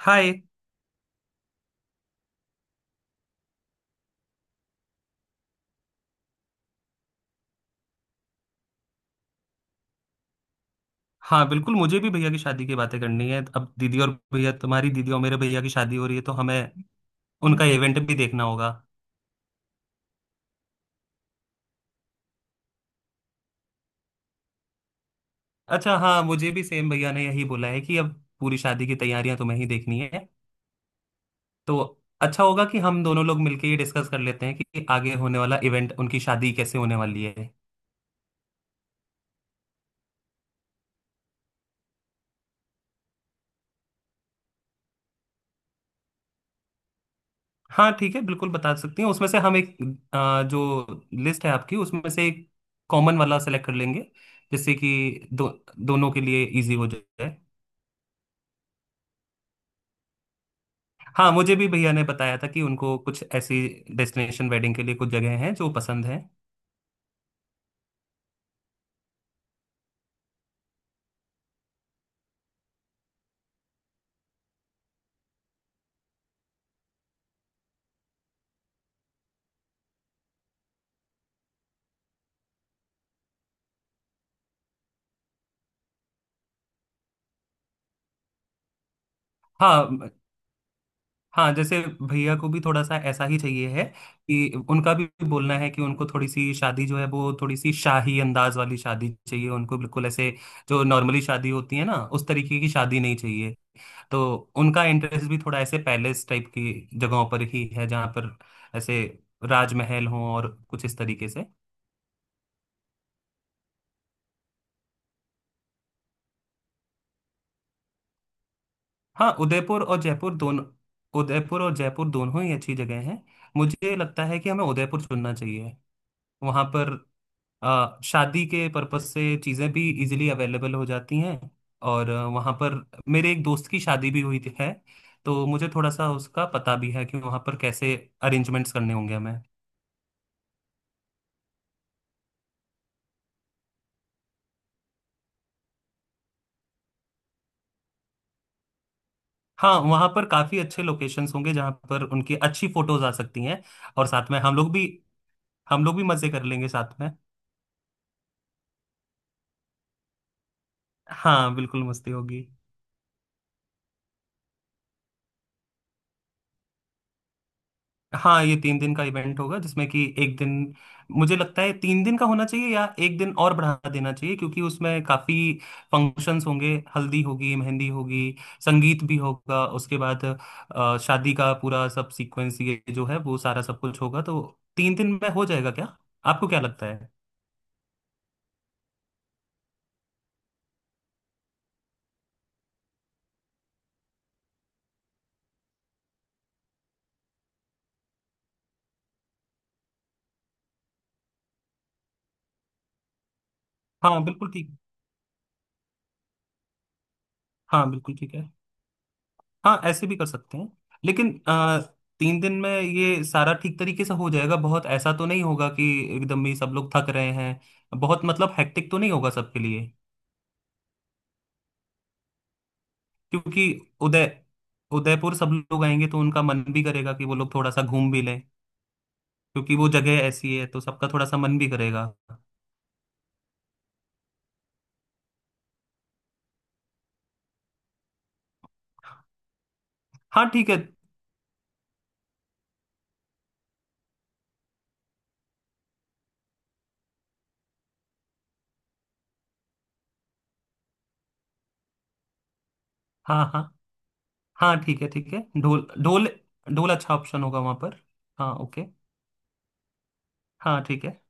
हाय। हाँ बिल्कुल, मुझे भी भैया की शादी की बातें करनी है। अब दीदी और भैया, तुम्हारी दीदी और मेरे भैया की शादी हो रही है तो हमें उनका इवेंट भी देखना होगा। अच्छा हाँ, मुझे भी सेम भैया ने यही बोला है कि अब पूरी शादी की तैयारियां तुम्हें ही देखनी है। तो अच्छा होगा कि हम दोनों लोग मिलकर ये डिस्कस कर लेते हैं कि आगे होने वाला इवेंट, उनकी शादी कैसे होने वाली है। हाँ ठीक है, बिल्कुल बता सकती हूँ। उसमें से हम एक जो लिस्ट है आपकी, उसमें से एक कॉमन वाला सेलेक्ट कर लेंगे जिससे कि दोनों के लिए इजी हो जाए। हाँ, मुझे भी भैया ने बताया था कि उनको कुछ ऐसी डेस्टिनेशन वेडिंग के लिए कुछ जगह हैं जो पसंद है। हाँ हाँ, जैसे भैया को भी थोड़ा सा ऐसा ही चाहिए है, कि उनका भी बोलना है कि उनको थोड़ी सी शादी जो है वो थोड़ी सी शाही अंदाज वाली शादी चाहिए उनको, बिल्कुल ऐसे जो नॉर्मली शादी होती है ना उस तरीके की शादी नहीं चाहिए। तो उनका इंटरेस्ट भी थोड़ा ऐसे पैलेस टाइप की जगहों पर ही है जहाँ पर ऐसे राजमहल हों और कुछ इस तरीके से। हाँ, उदयपुर और जयपुर दोनों, उदयपुर और जयपुर दोनों ही अच्छी जगह हैं। मुझे लगता है कि हमें उदयपुर चुनना चाहिए। वहाँ पर शादी के पर्पज से चीज़ें भी इजीली अवेलेबल हो जाती हैं। और वहाँ पर मेरे एक दोस्त की शादी भी हुई थी है, तो मुझे थोड़ा सा उसका पता भी है कि वहाँ पर कैसे अरेंजमेंट्स करने होंगे हमें। हाँ वहाँ पर काफ़ी अच्छे लोकेशंस होंगे जहाँ पर उनकी अच्छी फोटोज आ सकती हैं। और साथ में हम लोग भी मज़े कर लेंगे साथ में। हाँ बिल्कुल मस्ती होगी। हाँ, ये तीन दिन का इवेंट होगा जिसमें कि एक दिन, मुझे लगता है तीन दिन का होना चाहिए या एक दिन और बढ़ा देना चाहिए, क्योंकि उसमें काफी फंक्शंस होंगे, हल्दी होगी, मेहंदी होगी, संगीत भी होगा, उसके बाद शादी का पूरा सब सीक्वेंस, ये जो है वो सारा सब कुछ होगा। तो तीन दिन में हो जाएगा क्या? आपको क्या लगता है? हाँ बिल्कुल ठीक। हाँ बिल्कुल ठीक है। हाँ ऐसे भी कर सकते हैं, लेकिन तीन दिन में ये सारा ठीक तरीके से हो जाएगा, बहुत ऐसा तो नहीं होगा कि एकदम ही सब लोग थक रहे हैं, बहुत मतलब हेक्टिक तो नहीं होगा सबके लिए। क्योंकि उदय उदयपुर सब लोग आएंगे तो उनका मन भी करेगा कि वो लोग थोड़ा सा घूम भी लें, क्योंकि वो जगह ऐसी है तो सबका थोड़ा सा मन भी करेगा। हाँ ठीक है। हाँ हाँ, हाँ ठीक है ठीक है, ढोल ढोल। ढोल अच्छा ऑप्शन होगा वहां पर। हाँ ओके। हाँ ठीक है।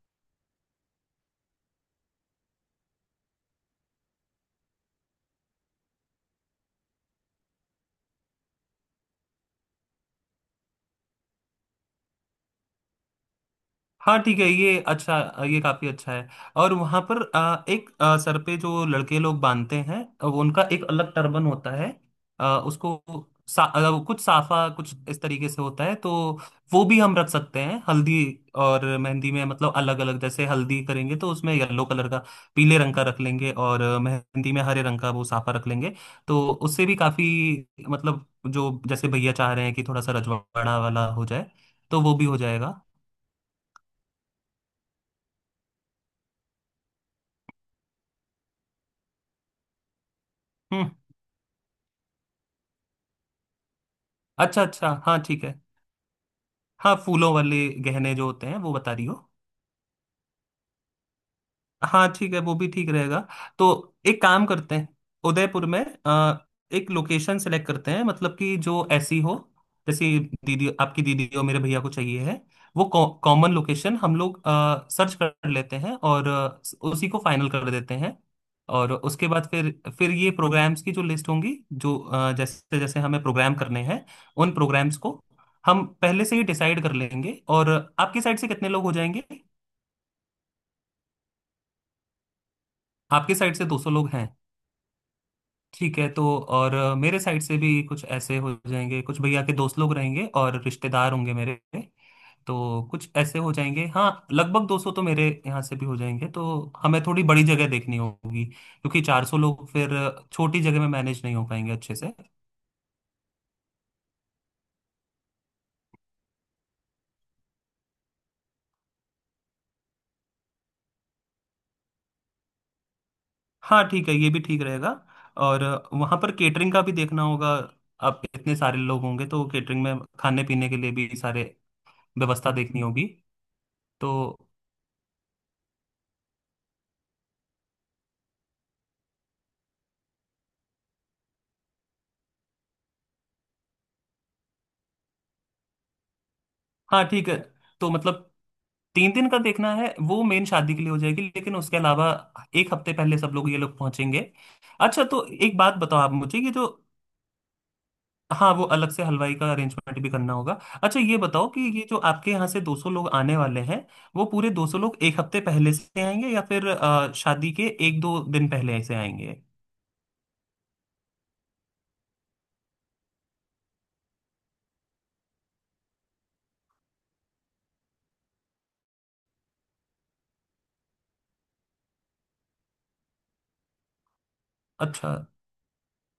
हाँ ठीक है ये अच्छा, ये काफी अच्छा है। और वहां पर एक सर पे जो लड़के लोग बांधते हैं, वो उनका एक अलग टर्बन होता है। उसको कुछ साफा कुछ इस तरीके से होता है। तो वो भी हम रख सकते हैं हल्दी और मेहंदी में। मतलब अलग अलग, जैसे हल्दी करेंगे तो उसमें येलो कलर का, पीले रंग का रख लेंगे, और मेहंदी में हरे रंग का वो साफा रख लेंगे। तो उससे भी काफी मतलब, जो जैसे भैया चाह रहे हैं कि थोड़ा सा रजवाड़ा वाला हो जाए, तो वो भी हो जाएगा। अच्छा अच्छा, हाँ ठीक है। हाँ, फूलों वाले गहने जो होते हैं वो बता रही हो। हाँ ठीक है, वो भी ठीक रहेगा। तो एक काम करते हैं, उदयपुर में अ, एक लोकेशन सेलेक्ट करते हैं, मतलब कि जो ऐसी हो जैसे दीदी, आपकी दीदी और मेरे भैया को चाहिए है वो कॉमन लोकेशन, हम लोग सर्च कर लेते हैं और उसी को फाइनल कर देते हैं। और उसके बाद फिर ये प्रोग्राम्स की जो लिस्ट होंगी, जो जैसे जैसे हमें प्रोग्राम करने हैं उन प्रोग्राम्स को हम पहले से ही डिसाइड कर लेंगे। और आपकी साइड से कितने लोग हो जाएंगे? आपकी साइड से 200 लोग। ठीक है, तो और मेरे साइड से भी कुछ ऐसे हो जाएंगे, कुछ भैया के दोस्त लोग रहेंगे और रिश्तेदार होंगे मेरे, तो कुछ ऐसे हो जाएंगे। हाँ लगभग 200 तो मेरे यहाँ से भी हो जाएंगे। तो हमें थोड़ी बड़ी जगह देखनी होगी क्योंकि 400 लोग फिर छोटी जगह में मैनेज नहीं हो पाएंगे अच्छे से। हाँ ठीक है, ये भी ठीक रहेगा। और वहाँ पर केटरिंग का भी देखना होगा। आप इतने सारे लोग होंगे तो केटरिंग में खाने पीने के लिए भी सारे व्यवस्था देखनी होगी। तो हाँ ठीक है। तो मतलब तीन दिन का देखना है, वो मेन शादी के लिए हो जाएगी, लेकिन उसके अलावा एक हफ्ते पहले सब लोग, ये लोग पहुंचेंगे। अच्छा तो एक बात बताओ आप मुझे, ये जो हाँ, वो अलग से हलवाई का अरेंजमेंट भी करना होगा। अच्छा ये बताओ कि ये जो आपके यहाँ से 200 लोग आने वाले हैं, वो पूरे 200 लोग एक हफ्ते पहले से आएंगे या फिर शादी के एक दो दिन पहले से आएंगे? अच्छा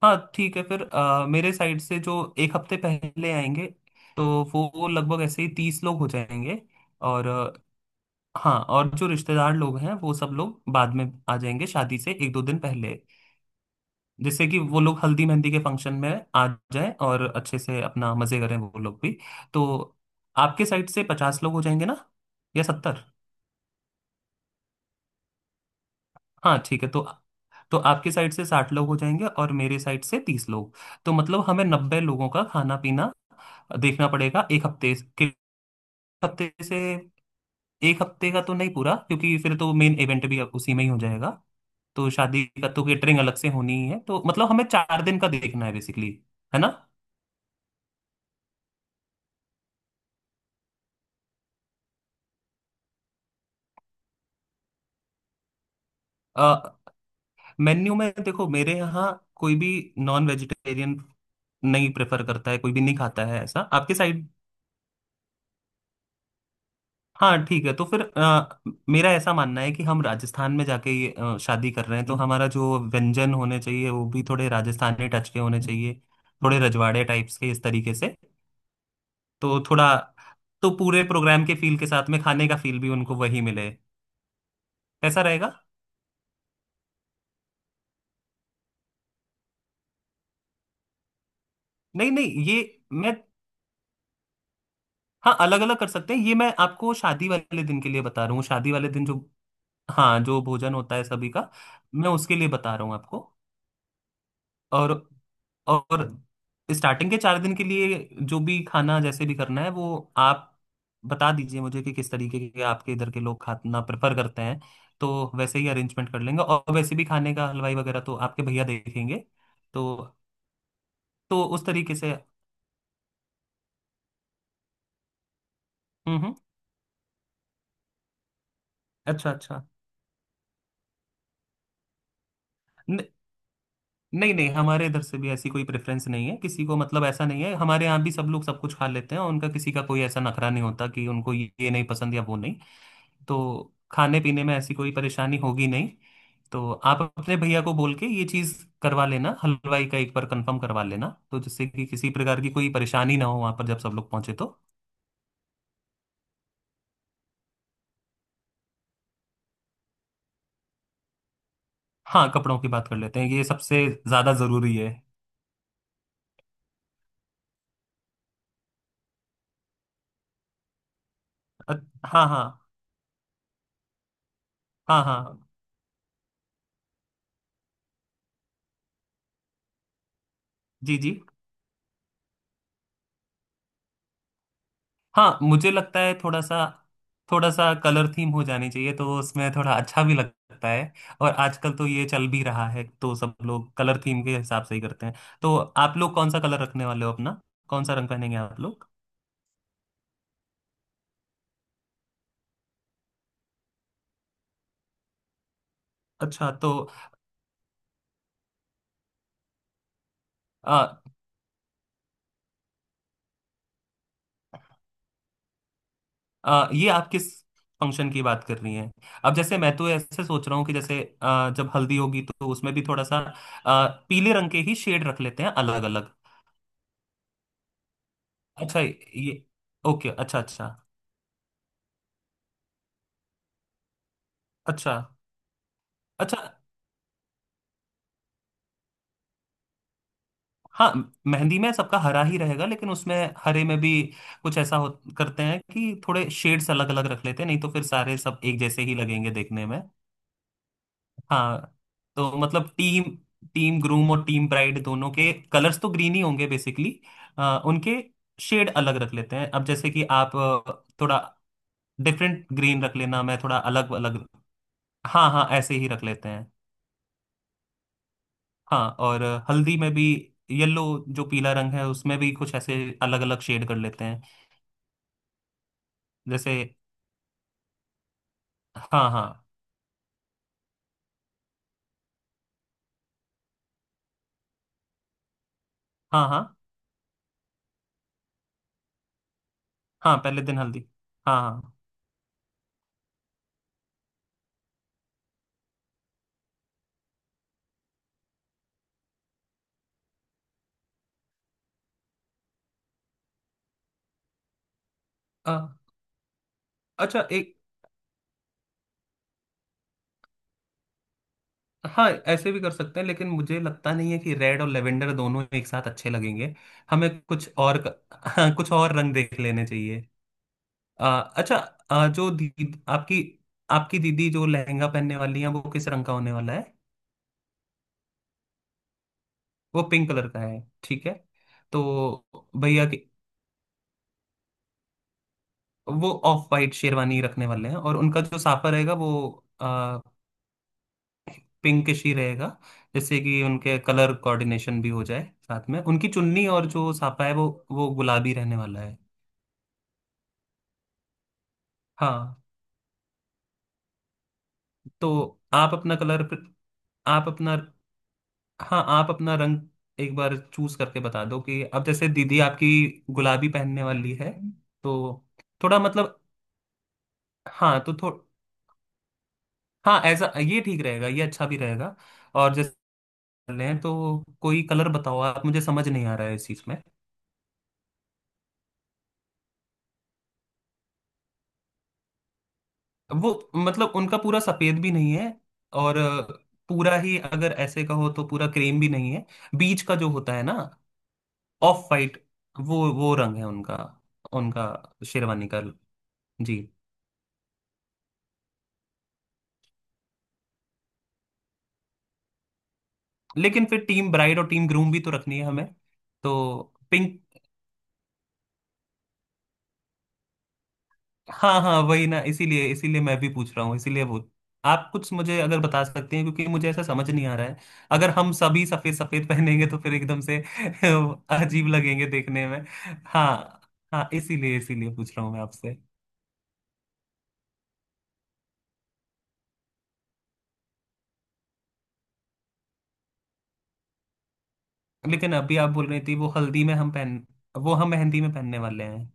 हाँ ठीक है। फिर मेरे साइड से जो एक हफ्ते पहले आएंगे, तो वो लगभग ऐसे ही तीस लोग हो जाएंगे। और हाँ, और जो रिश्तेदार लोग हैं वो सब लोग बाद में आ जाएंगे शादी से एक दो दिन पहले, जिससे कि वो लोग हल्दी मेहंदी के फंक्शन में आ जाएं और अच्छे से अपना मजे करें वो लोग भी। तो आपके साइड से पचास लोग हो जाएंगे ना, या सत्तर? हाँ ठीक है। तो आपके साइड से साठ लोग हो जाएंगे और मेरे साइड से तीस लोग, तो मतलब हमें नब्बे लोगों का खाना पीना देखना पड़ेगा एक हफ्ते के हफ्ते से एक हफ्ते का तो नहीं पूरा, क्योंकि फिर तो मेन इवेंट भी अब उसी में ही हो जाएगा। तो शादी का तो केटरिंग अलग से होनी ही है, तो मतलब हमें चार दिन का देखना है बेसिकली, है ना? मेन्यू में देखो, मेरे यहाँ कोई भी नॉन वेजिटेरियन नहीं प्रेफर करता है, कोई भी नहीं खाता है। ऐसा आपके साइड? हाँ ठीक है, तो फिर मेरा ऐसा मानना है कि हम राजस्थान में जाके ये शादी कर रहे हैं, तो हमारा जो व्यंजन होने चाहिए वो भी थोड़े राजस्थानी टच के होने चाहिए, थोड़े रजवाड़े टाइप्स के इस तरीके से। तो थोड़ा, तो पूरे प्रोग्राम के फील के साथ में खाने का फील भी उनको वही मिले, ऐसा रहेगा। नहीं नहीं ये मैं, हाँ अलग अलग कर सकते हैं, ये मैं आपको शादी वाले दिन के लिए बता रहा हूँ, शादी वाले दिन जो हाँ, जो भोजन होता है सभी का, मैं उसके लिए बता रहा हूँ आपको। और और स्टार्टिंग के चार दिन के लिए जो भी खाना जैसे भी करना है, वो आप बता दीजिए मुझे कि किस तरीके के आपके इधर के लोग खाना प्रेफर करते हैं, तो वैसे ही अरेंजमेंट कर लेंगे। और वैसे भी खाने का हलवाई वगैरह तो आपके भैया देखेंगे, तो उस तरीके से। हम्म हम्म, अच्छा अच्छा। न, नहीं नहीं, हमारे इधर से भी ऐसी कोई प्रेफरेंस नहीं है किसी को। मतलब ऐसा नहीं है, हमारे यहाँ भी सब लोग सब कुछ खा लेते हैं और उनका किसी का कोई ऐसा नखरा नहीं होता कि उनको ये नहीं पसंद या वो नहीं। तो खाने पीने में ऐसी कोई परेशानी होगी नहीं। तो आप अपने भैया को बोल के ये चीज करवा लेना, हलवाई का एक बार कंफर्म करवा लेना, तो जिससे कि किसी प्रकार की कोई परेशानी ना हो वहां पर जब सब लोग पहुंचे तो। हाँ, कपड़ों की बात कर लेते हैं, ये सबसे ज्यादा जरूरी है। अ- हाँ हाँ हाँ हाँ, जी जी। हाँ, मुझे लगता है थोड़ा सा, थोड़ा सा कलर थीम हो जानी चाहिए, तो उसमें थोड़ा अच्छा भी लगता है। और आजकल तो ये चल भी रहा है, तो सब लोग कलर थीम के हिसाब से ही करते हैं। तो आप लोग कौन सा कलर रखने वाले हो अपना? कौन सा रंग पहनेंगे आप लोग? अच्छा तो आ, आ, ये आप किस फंक्शन की बात कर रही हैं? अब जैसे मैं तो ऐसे सोच रहा हूँ कि जैसे जब हल्दी होगी तो उसमें भी थोड़ा सा पीले रंग के ही शेड रख लेते हैं अलग अलग। अच्छा ये, ओके, अच्छा अच्छा, अच्छा अच्छा। हाँ, मेहंदी में सबका हरा ही रहेगा, लेकिन उसमें हरे में भी कुछ ऐसा हो, करते हैं कि थोड़े शेड्स अलग अलग रख लेते हैं नहीं तो फिर सारे सब एक जैसे ही लगेंगे देखने में। हाँ तो मतलब टीम टीम ग्रूम और टीम ब्राइड दोनों के कलर्स तो ग्रीन ही होंगे बेसिकली। उनके शेड अलग रख लेते हैं, अब जैसे कि आप थोड़ा डिफरेंट ग्रीन रख लेना, मैं थोड़ा अलग अलग। हाँ हाँ, ऐसे ही रख लेते हैं। हाँ और हल्दी में भी येलो, जो पीला रंग है उसमें भी कुछ ऐसे अलग अलग शेड कर लेते हैं। जैसे हाँ हाँ हाँ हाँ, हाँ पहले दिन हल्दी, हाँ। हाँ। अ, अच्छा एक। हाँ, ऐसे भी कर सकते हैं, लेकिन मुझे लगता नहीं है कि रेड और लेवेंडर दोनों एक साथ अच्छे लगेंगे। हमें कुछ और हाँ, कुछ और रंग देख लेने चाहिए। अ, अच्छा। आपकी आपकी दीदी जो लहंगा पहनने वाली है वो किस रंग का होने वाला है? वो पिंक कलर का है, ठीक है। तो भैया की वो ऑफ वाइट शेरवानी रखने वाले हैं और उनका जो साफा रहेगा वो पिंकिश ही रहेगा। जैसे कि उनके कलर कोऑर्डिनेशन भी हो जाए, साथ में उनकी चुन्नी और जो साफा है वो गुलाबी रहने वाला है। हाँ, तो आप अपना कलर आप अपना हाँ, आप अपना रंग एक बार चूज करके बता दो कि अब जैसे दीदी आपकी गुलाबी पहनने वाली है तो थोड़ा मतलब, हाँ तो थो हाँ, ऐसा ये ठीक रहेगा, ये अच्छा भी रहेगा। और जैसे कर रहे हैं तो कोई कलर बताओ, आप मुझे समझ नहीं आ रहा है इस चीज में। वो मतलब उनका पूरा सफेद भी नहीं है और पूरा ही अगर ऐसे कहो तो पूरा क्रीम भी नहीं है। बीच का जो होता है ना, ऑफ वाइट, वो रंग है उनका उनका शेरवानी का। जी। लेकिन फिर टीम ब्राइड और टीम ग्रूम भी तो रखनी है हमें। तो पिंक। हाँ हाँ, वही ना, इसीलिए इसीलिए मैं भी पूछ रहा हूँ, इसीलिए वो, आप कुछ मुझे अगर बता सकते हैं, क्योंकि मुझे ऐसा समझ नहीं आ रहा है। अगर हम सभी सफेद सफेद पहनेंगे तो फिर एकदम से अजीब लगेंगे देखने में। हाँ। हाँ इसीलिए इसीलिए पूछ रहा हूँ मैं आपसे। लेकिन अभी आप बोल रही थी वो हल्दी में हम पहन वो हम मेहंदी में पहनने वाले हैं।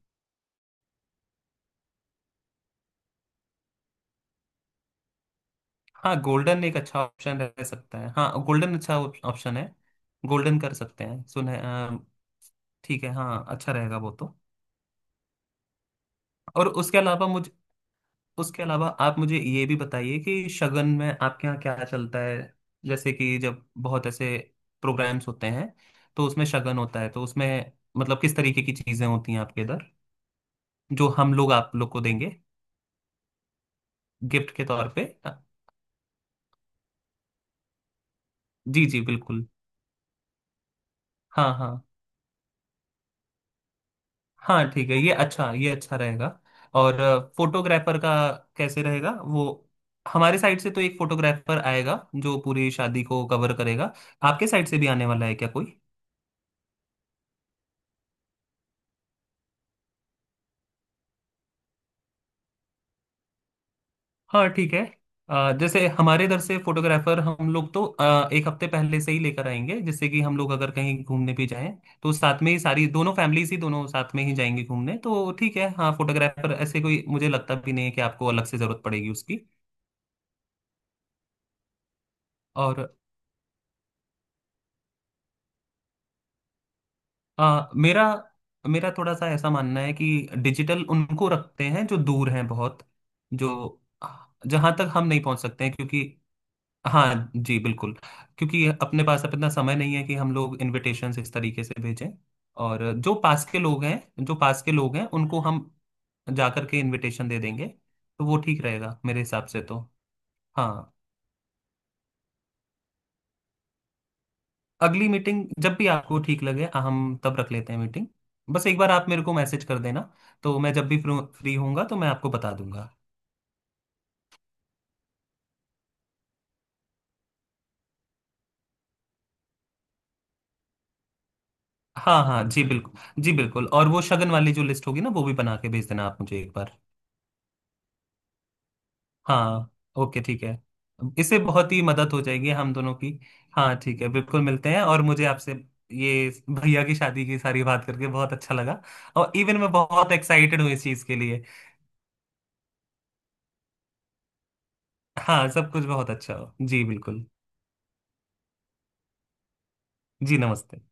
हाँ, गोल्डन एक अच्छा ऑप्शन रह सकता है। हाँ गोल्डन अच्छा ऑप्शन है। गोल्डन कर सकते हैं सुने। ठीक है। हाँ अच्छा रहेगा वो तो। और उसके अलावा मुझे, उसके अलावा आप मुझे ये भी बताइए कि शगन में आपके यहाँ क्या चलता है। जैसे कि जब बहुत ऐसे प्रोग्राम्स होते हैं तो उसमें शगन होता है, तो उसमें मतलब किस तरीके की चीजें होती हैं आपके इधर, जो हम लोग आप लोग को देंगे गिफ्ट के तौर पे। जी जी बिल्कुल। हाँ हाँ। हाँ ठीक है, ये अच्छा रहेगा। और फोटोग्राफर का कैसे रहेगा वो? हमारे साइड से तो एक फोटोग्राफर आएगा जो पूरी शादी को कवर करेगा। आपके साइड से भी आने वाला है क्या कोई? हाँ ठीक है। जैसे हमारे इधर से फोटोग्राफर हम लोग तो एक हफ्ते पहले से ही लेकर आएंगे, जिससे कि हम लोग अगर कहीं घूमने भी जाएं तो साथ में ही सारी दोनों फैमिलीज ही दोनों साथ में ही जाएंगे घूमने। तो ठीक है, हाँ फोटोग्राफर ऐसे कोई मुझे लगता भी नहीं है कि आपको अलग से जरूरत पड़ेगी उसकी। और मेरा मेरा थोड़ा सा ऐसा मानना है कि डिजिटल उनको रखते हैं जो दूर हैं बहुत, जो जहां तक हम नहीं पहुंच सकते हैं, क्योंकि हाँ जी बिल्कुल, क्योंकि अपने पास अब इतना समय नहीं है कि हम लोग इनविटेशंस इस तरीके से भेजें। और जो पास के लोग हैं उनको हम जा करके इनविटेशन दे देंगे। तो वो ठीक रहेगा मेरे हिसाब से तो। हाँ। अगली मीटिंग जब भी आपको ठीक लगे हम तब रख लेते हैं मीटिंग। बस एक बार आप मेरे को मैसेज कर देना, तो मैं जब भी फ्री होऊंगा तो मैं आपको बता दूंगा। हाँ हाँ जी बिल्कुल जी बिल्कुल। और वो शगन वाली जो लिस्ट होगी ना वो भी बना के भेज देना आप मुझे एक बार। हाँ। ओके ठीक है। इससे बहुत ही मदद हो जाएगी हम दोनों की। हाँ ठीक है, बिल्कुल मिलते हैं, और मुझे आपसे ये भैया की शादी की सारी बात करके बहुत अच्छा लगा। और इवन मैं बहुत एक्साइटेड हूँ इस चीज़ के लिए। हाँ सब कुछ बहुत अच्छा हो, जी बिल्कुल। जी नमस्ते।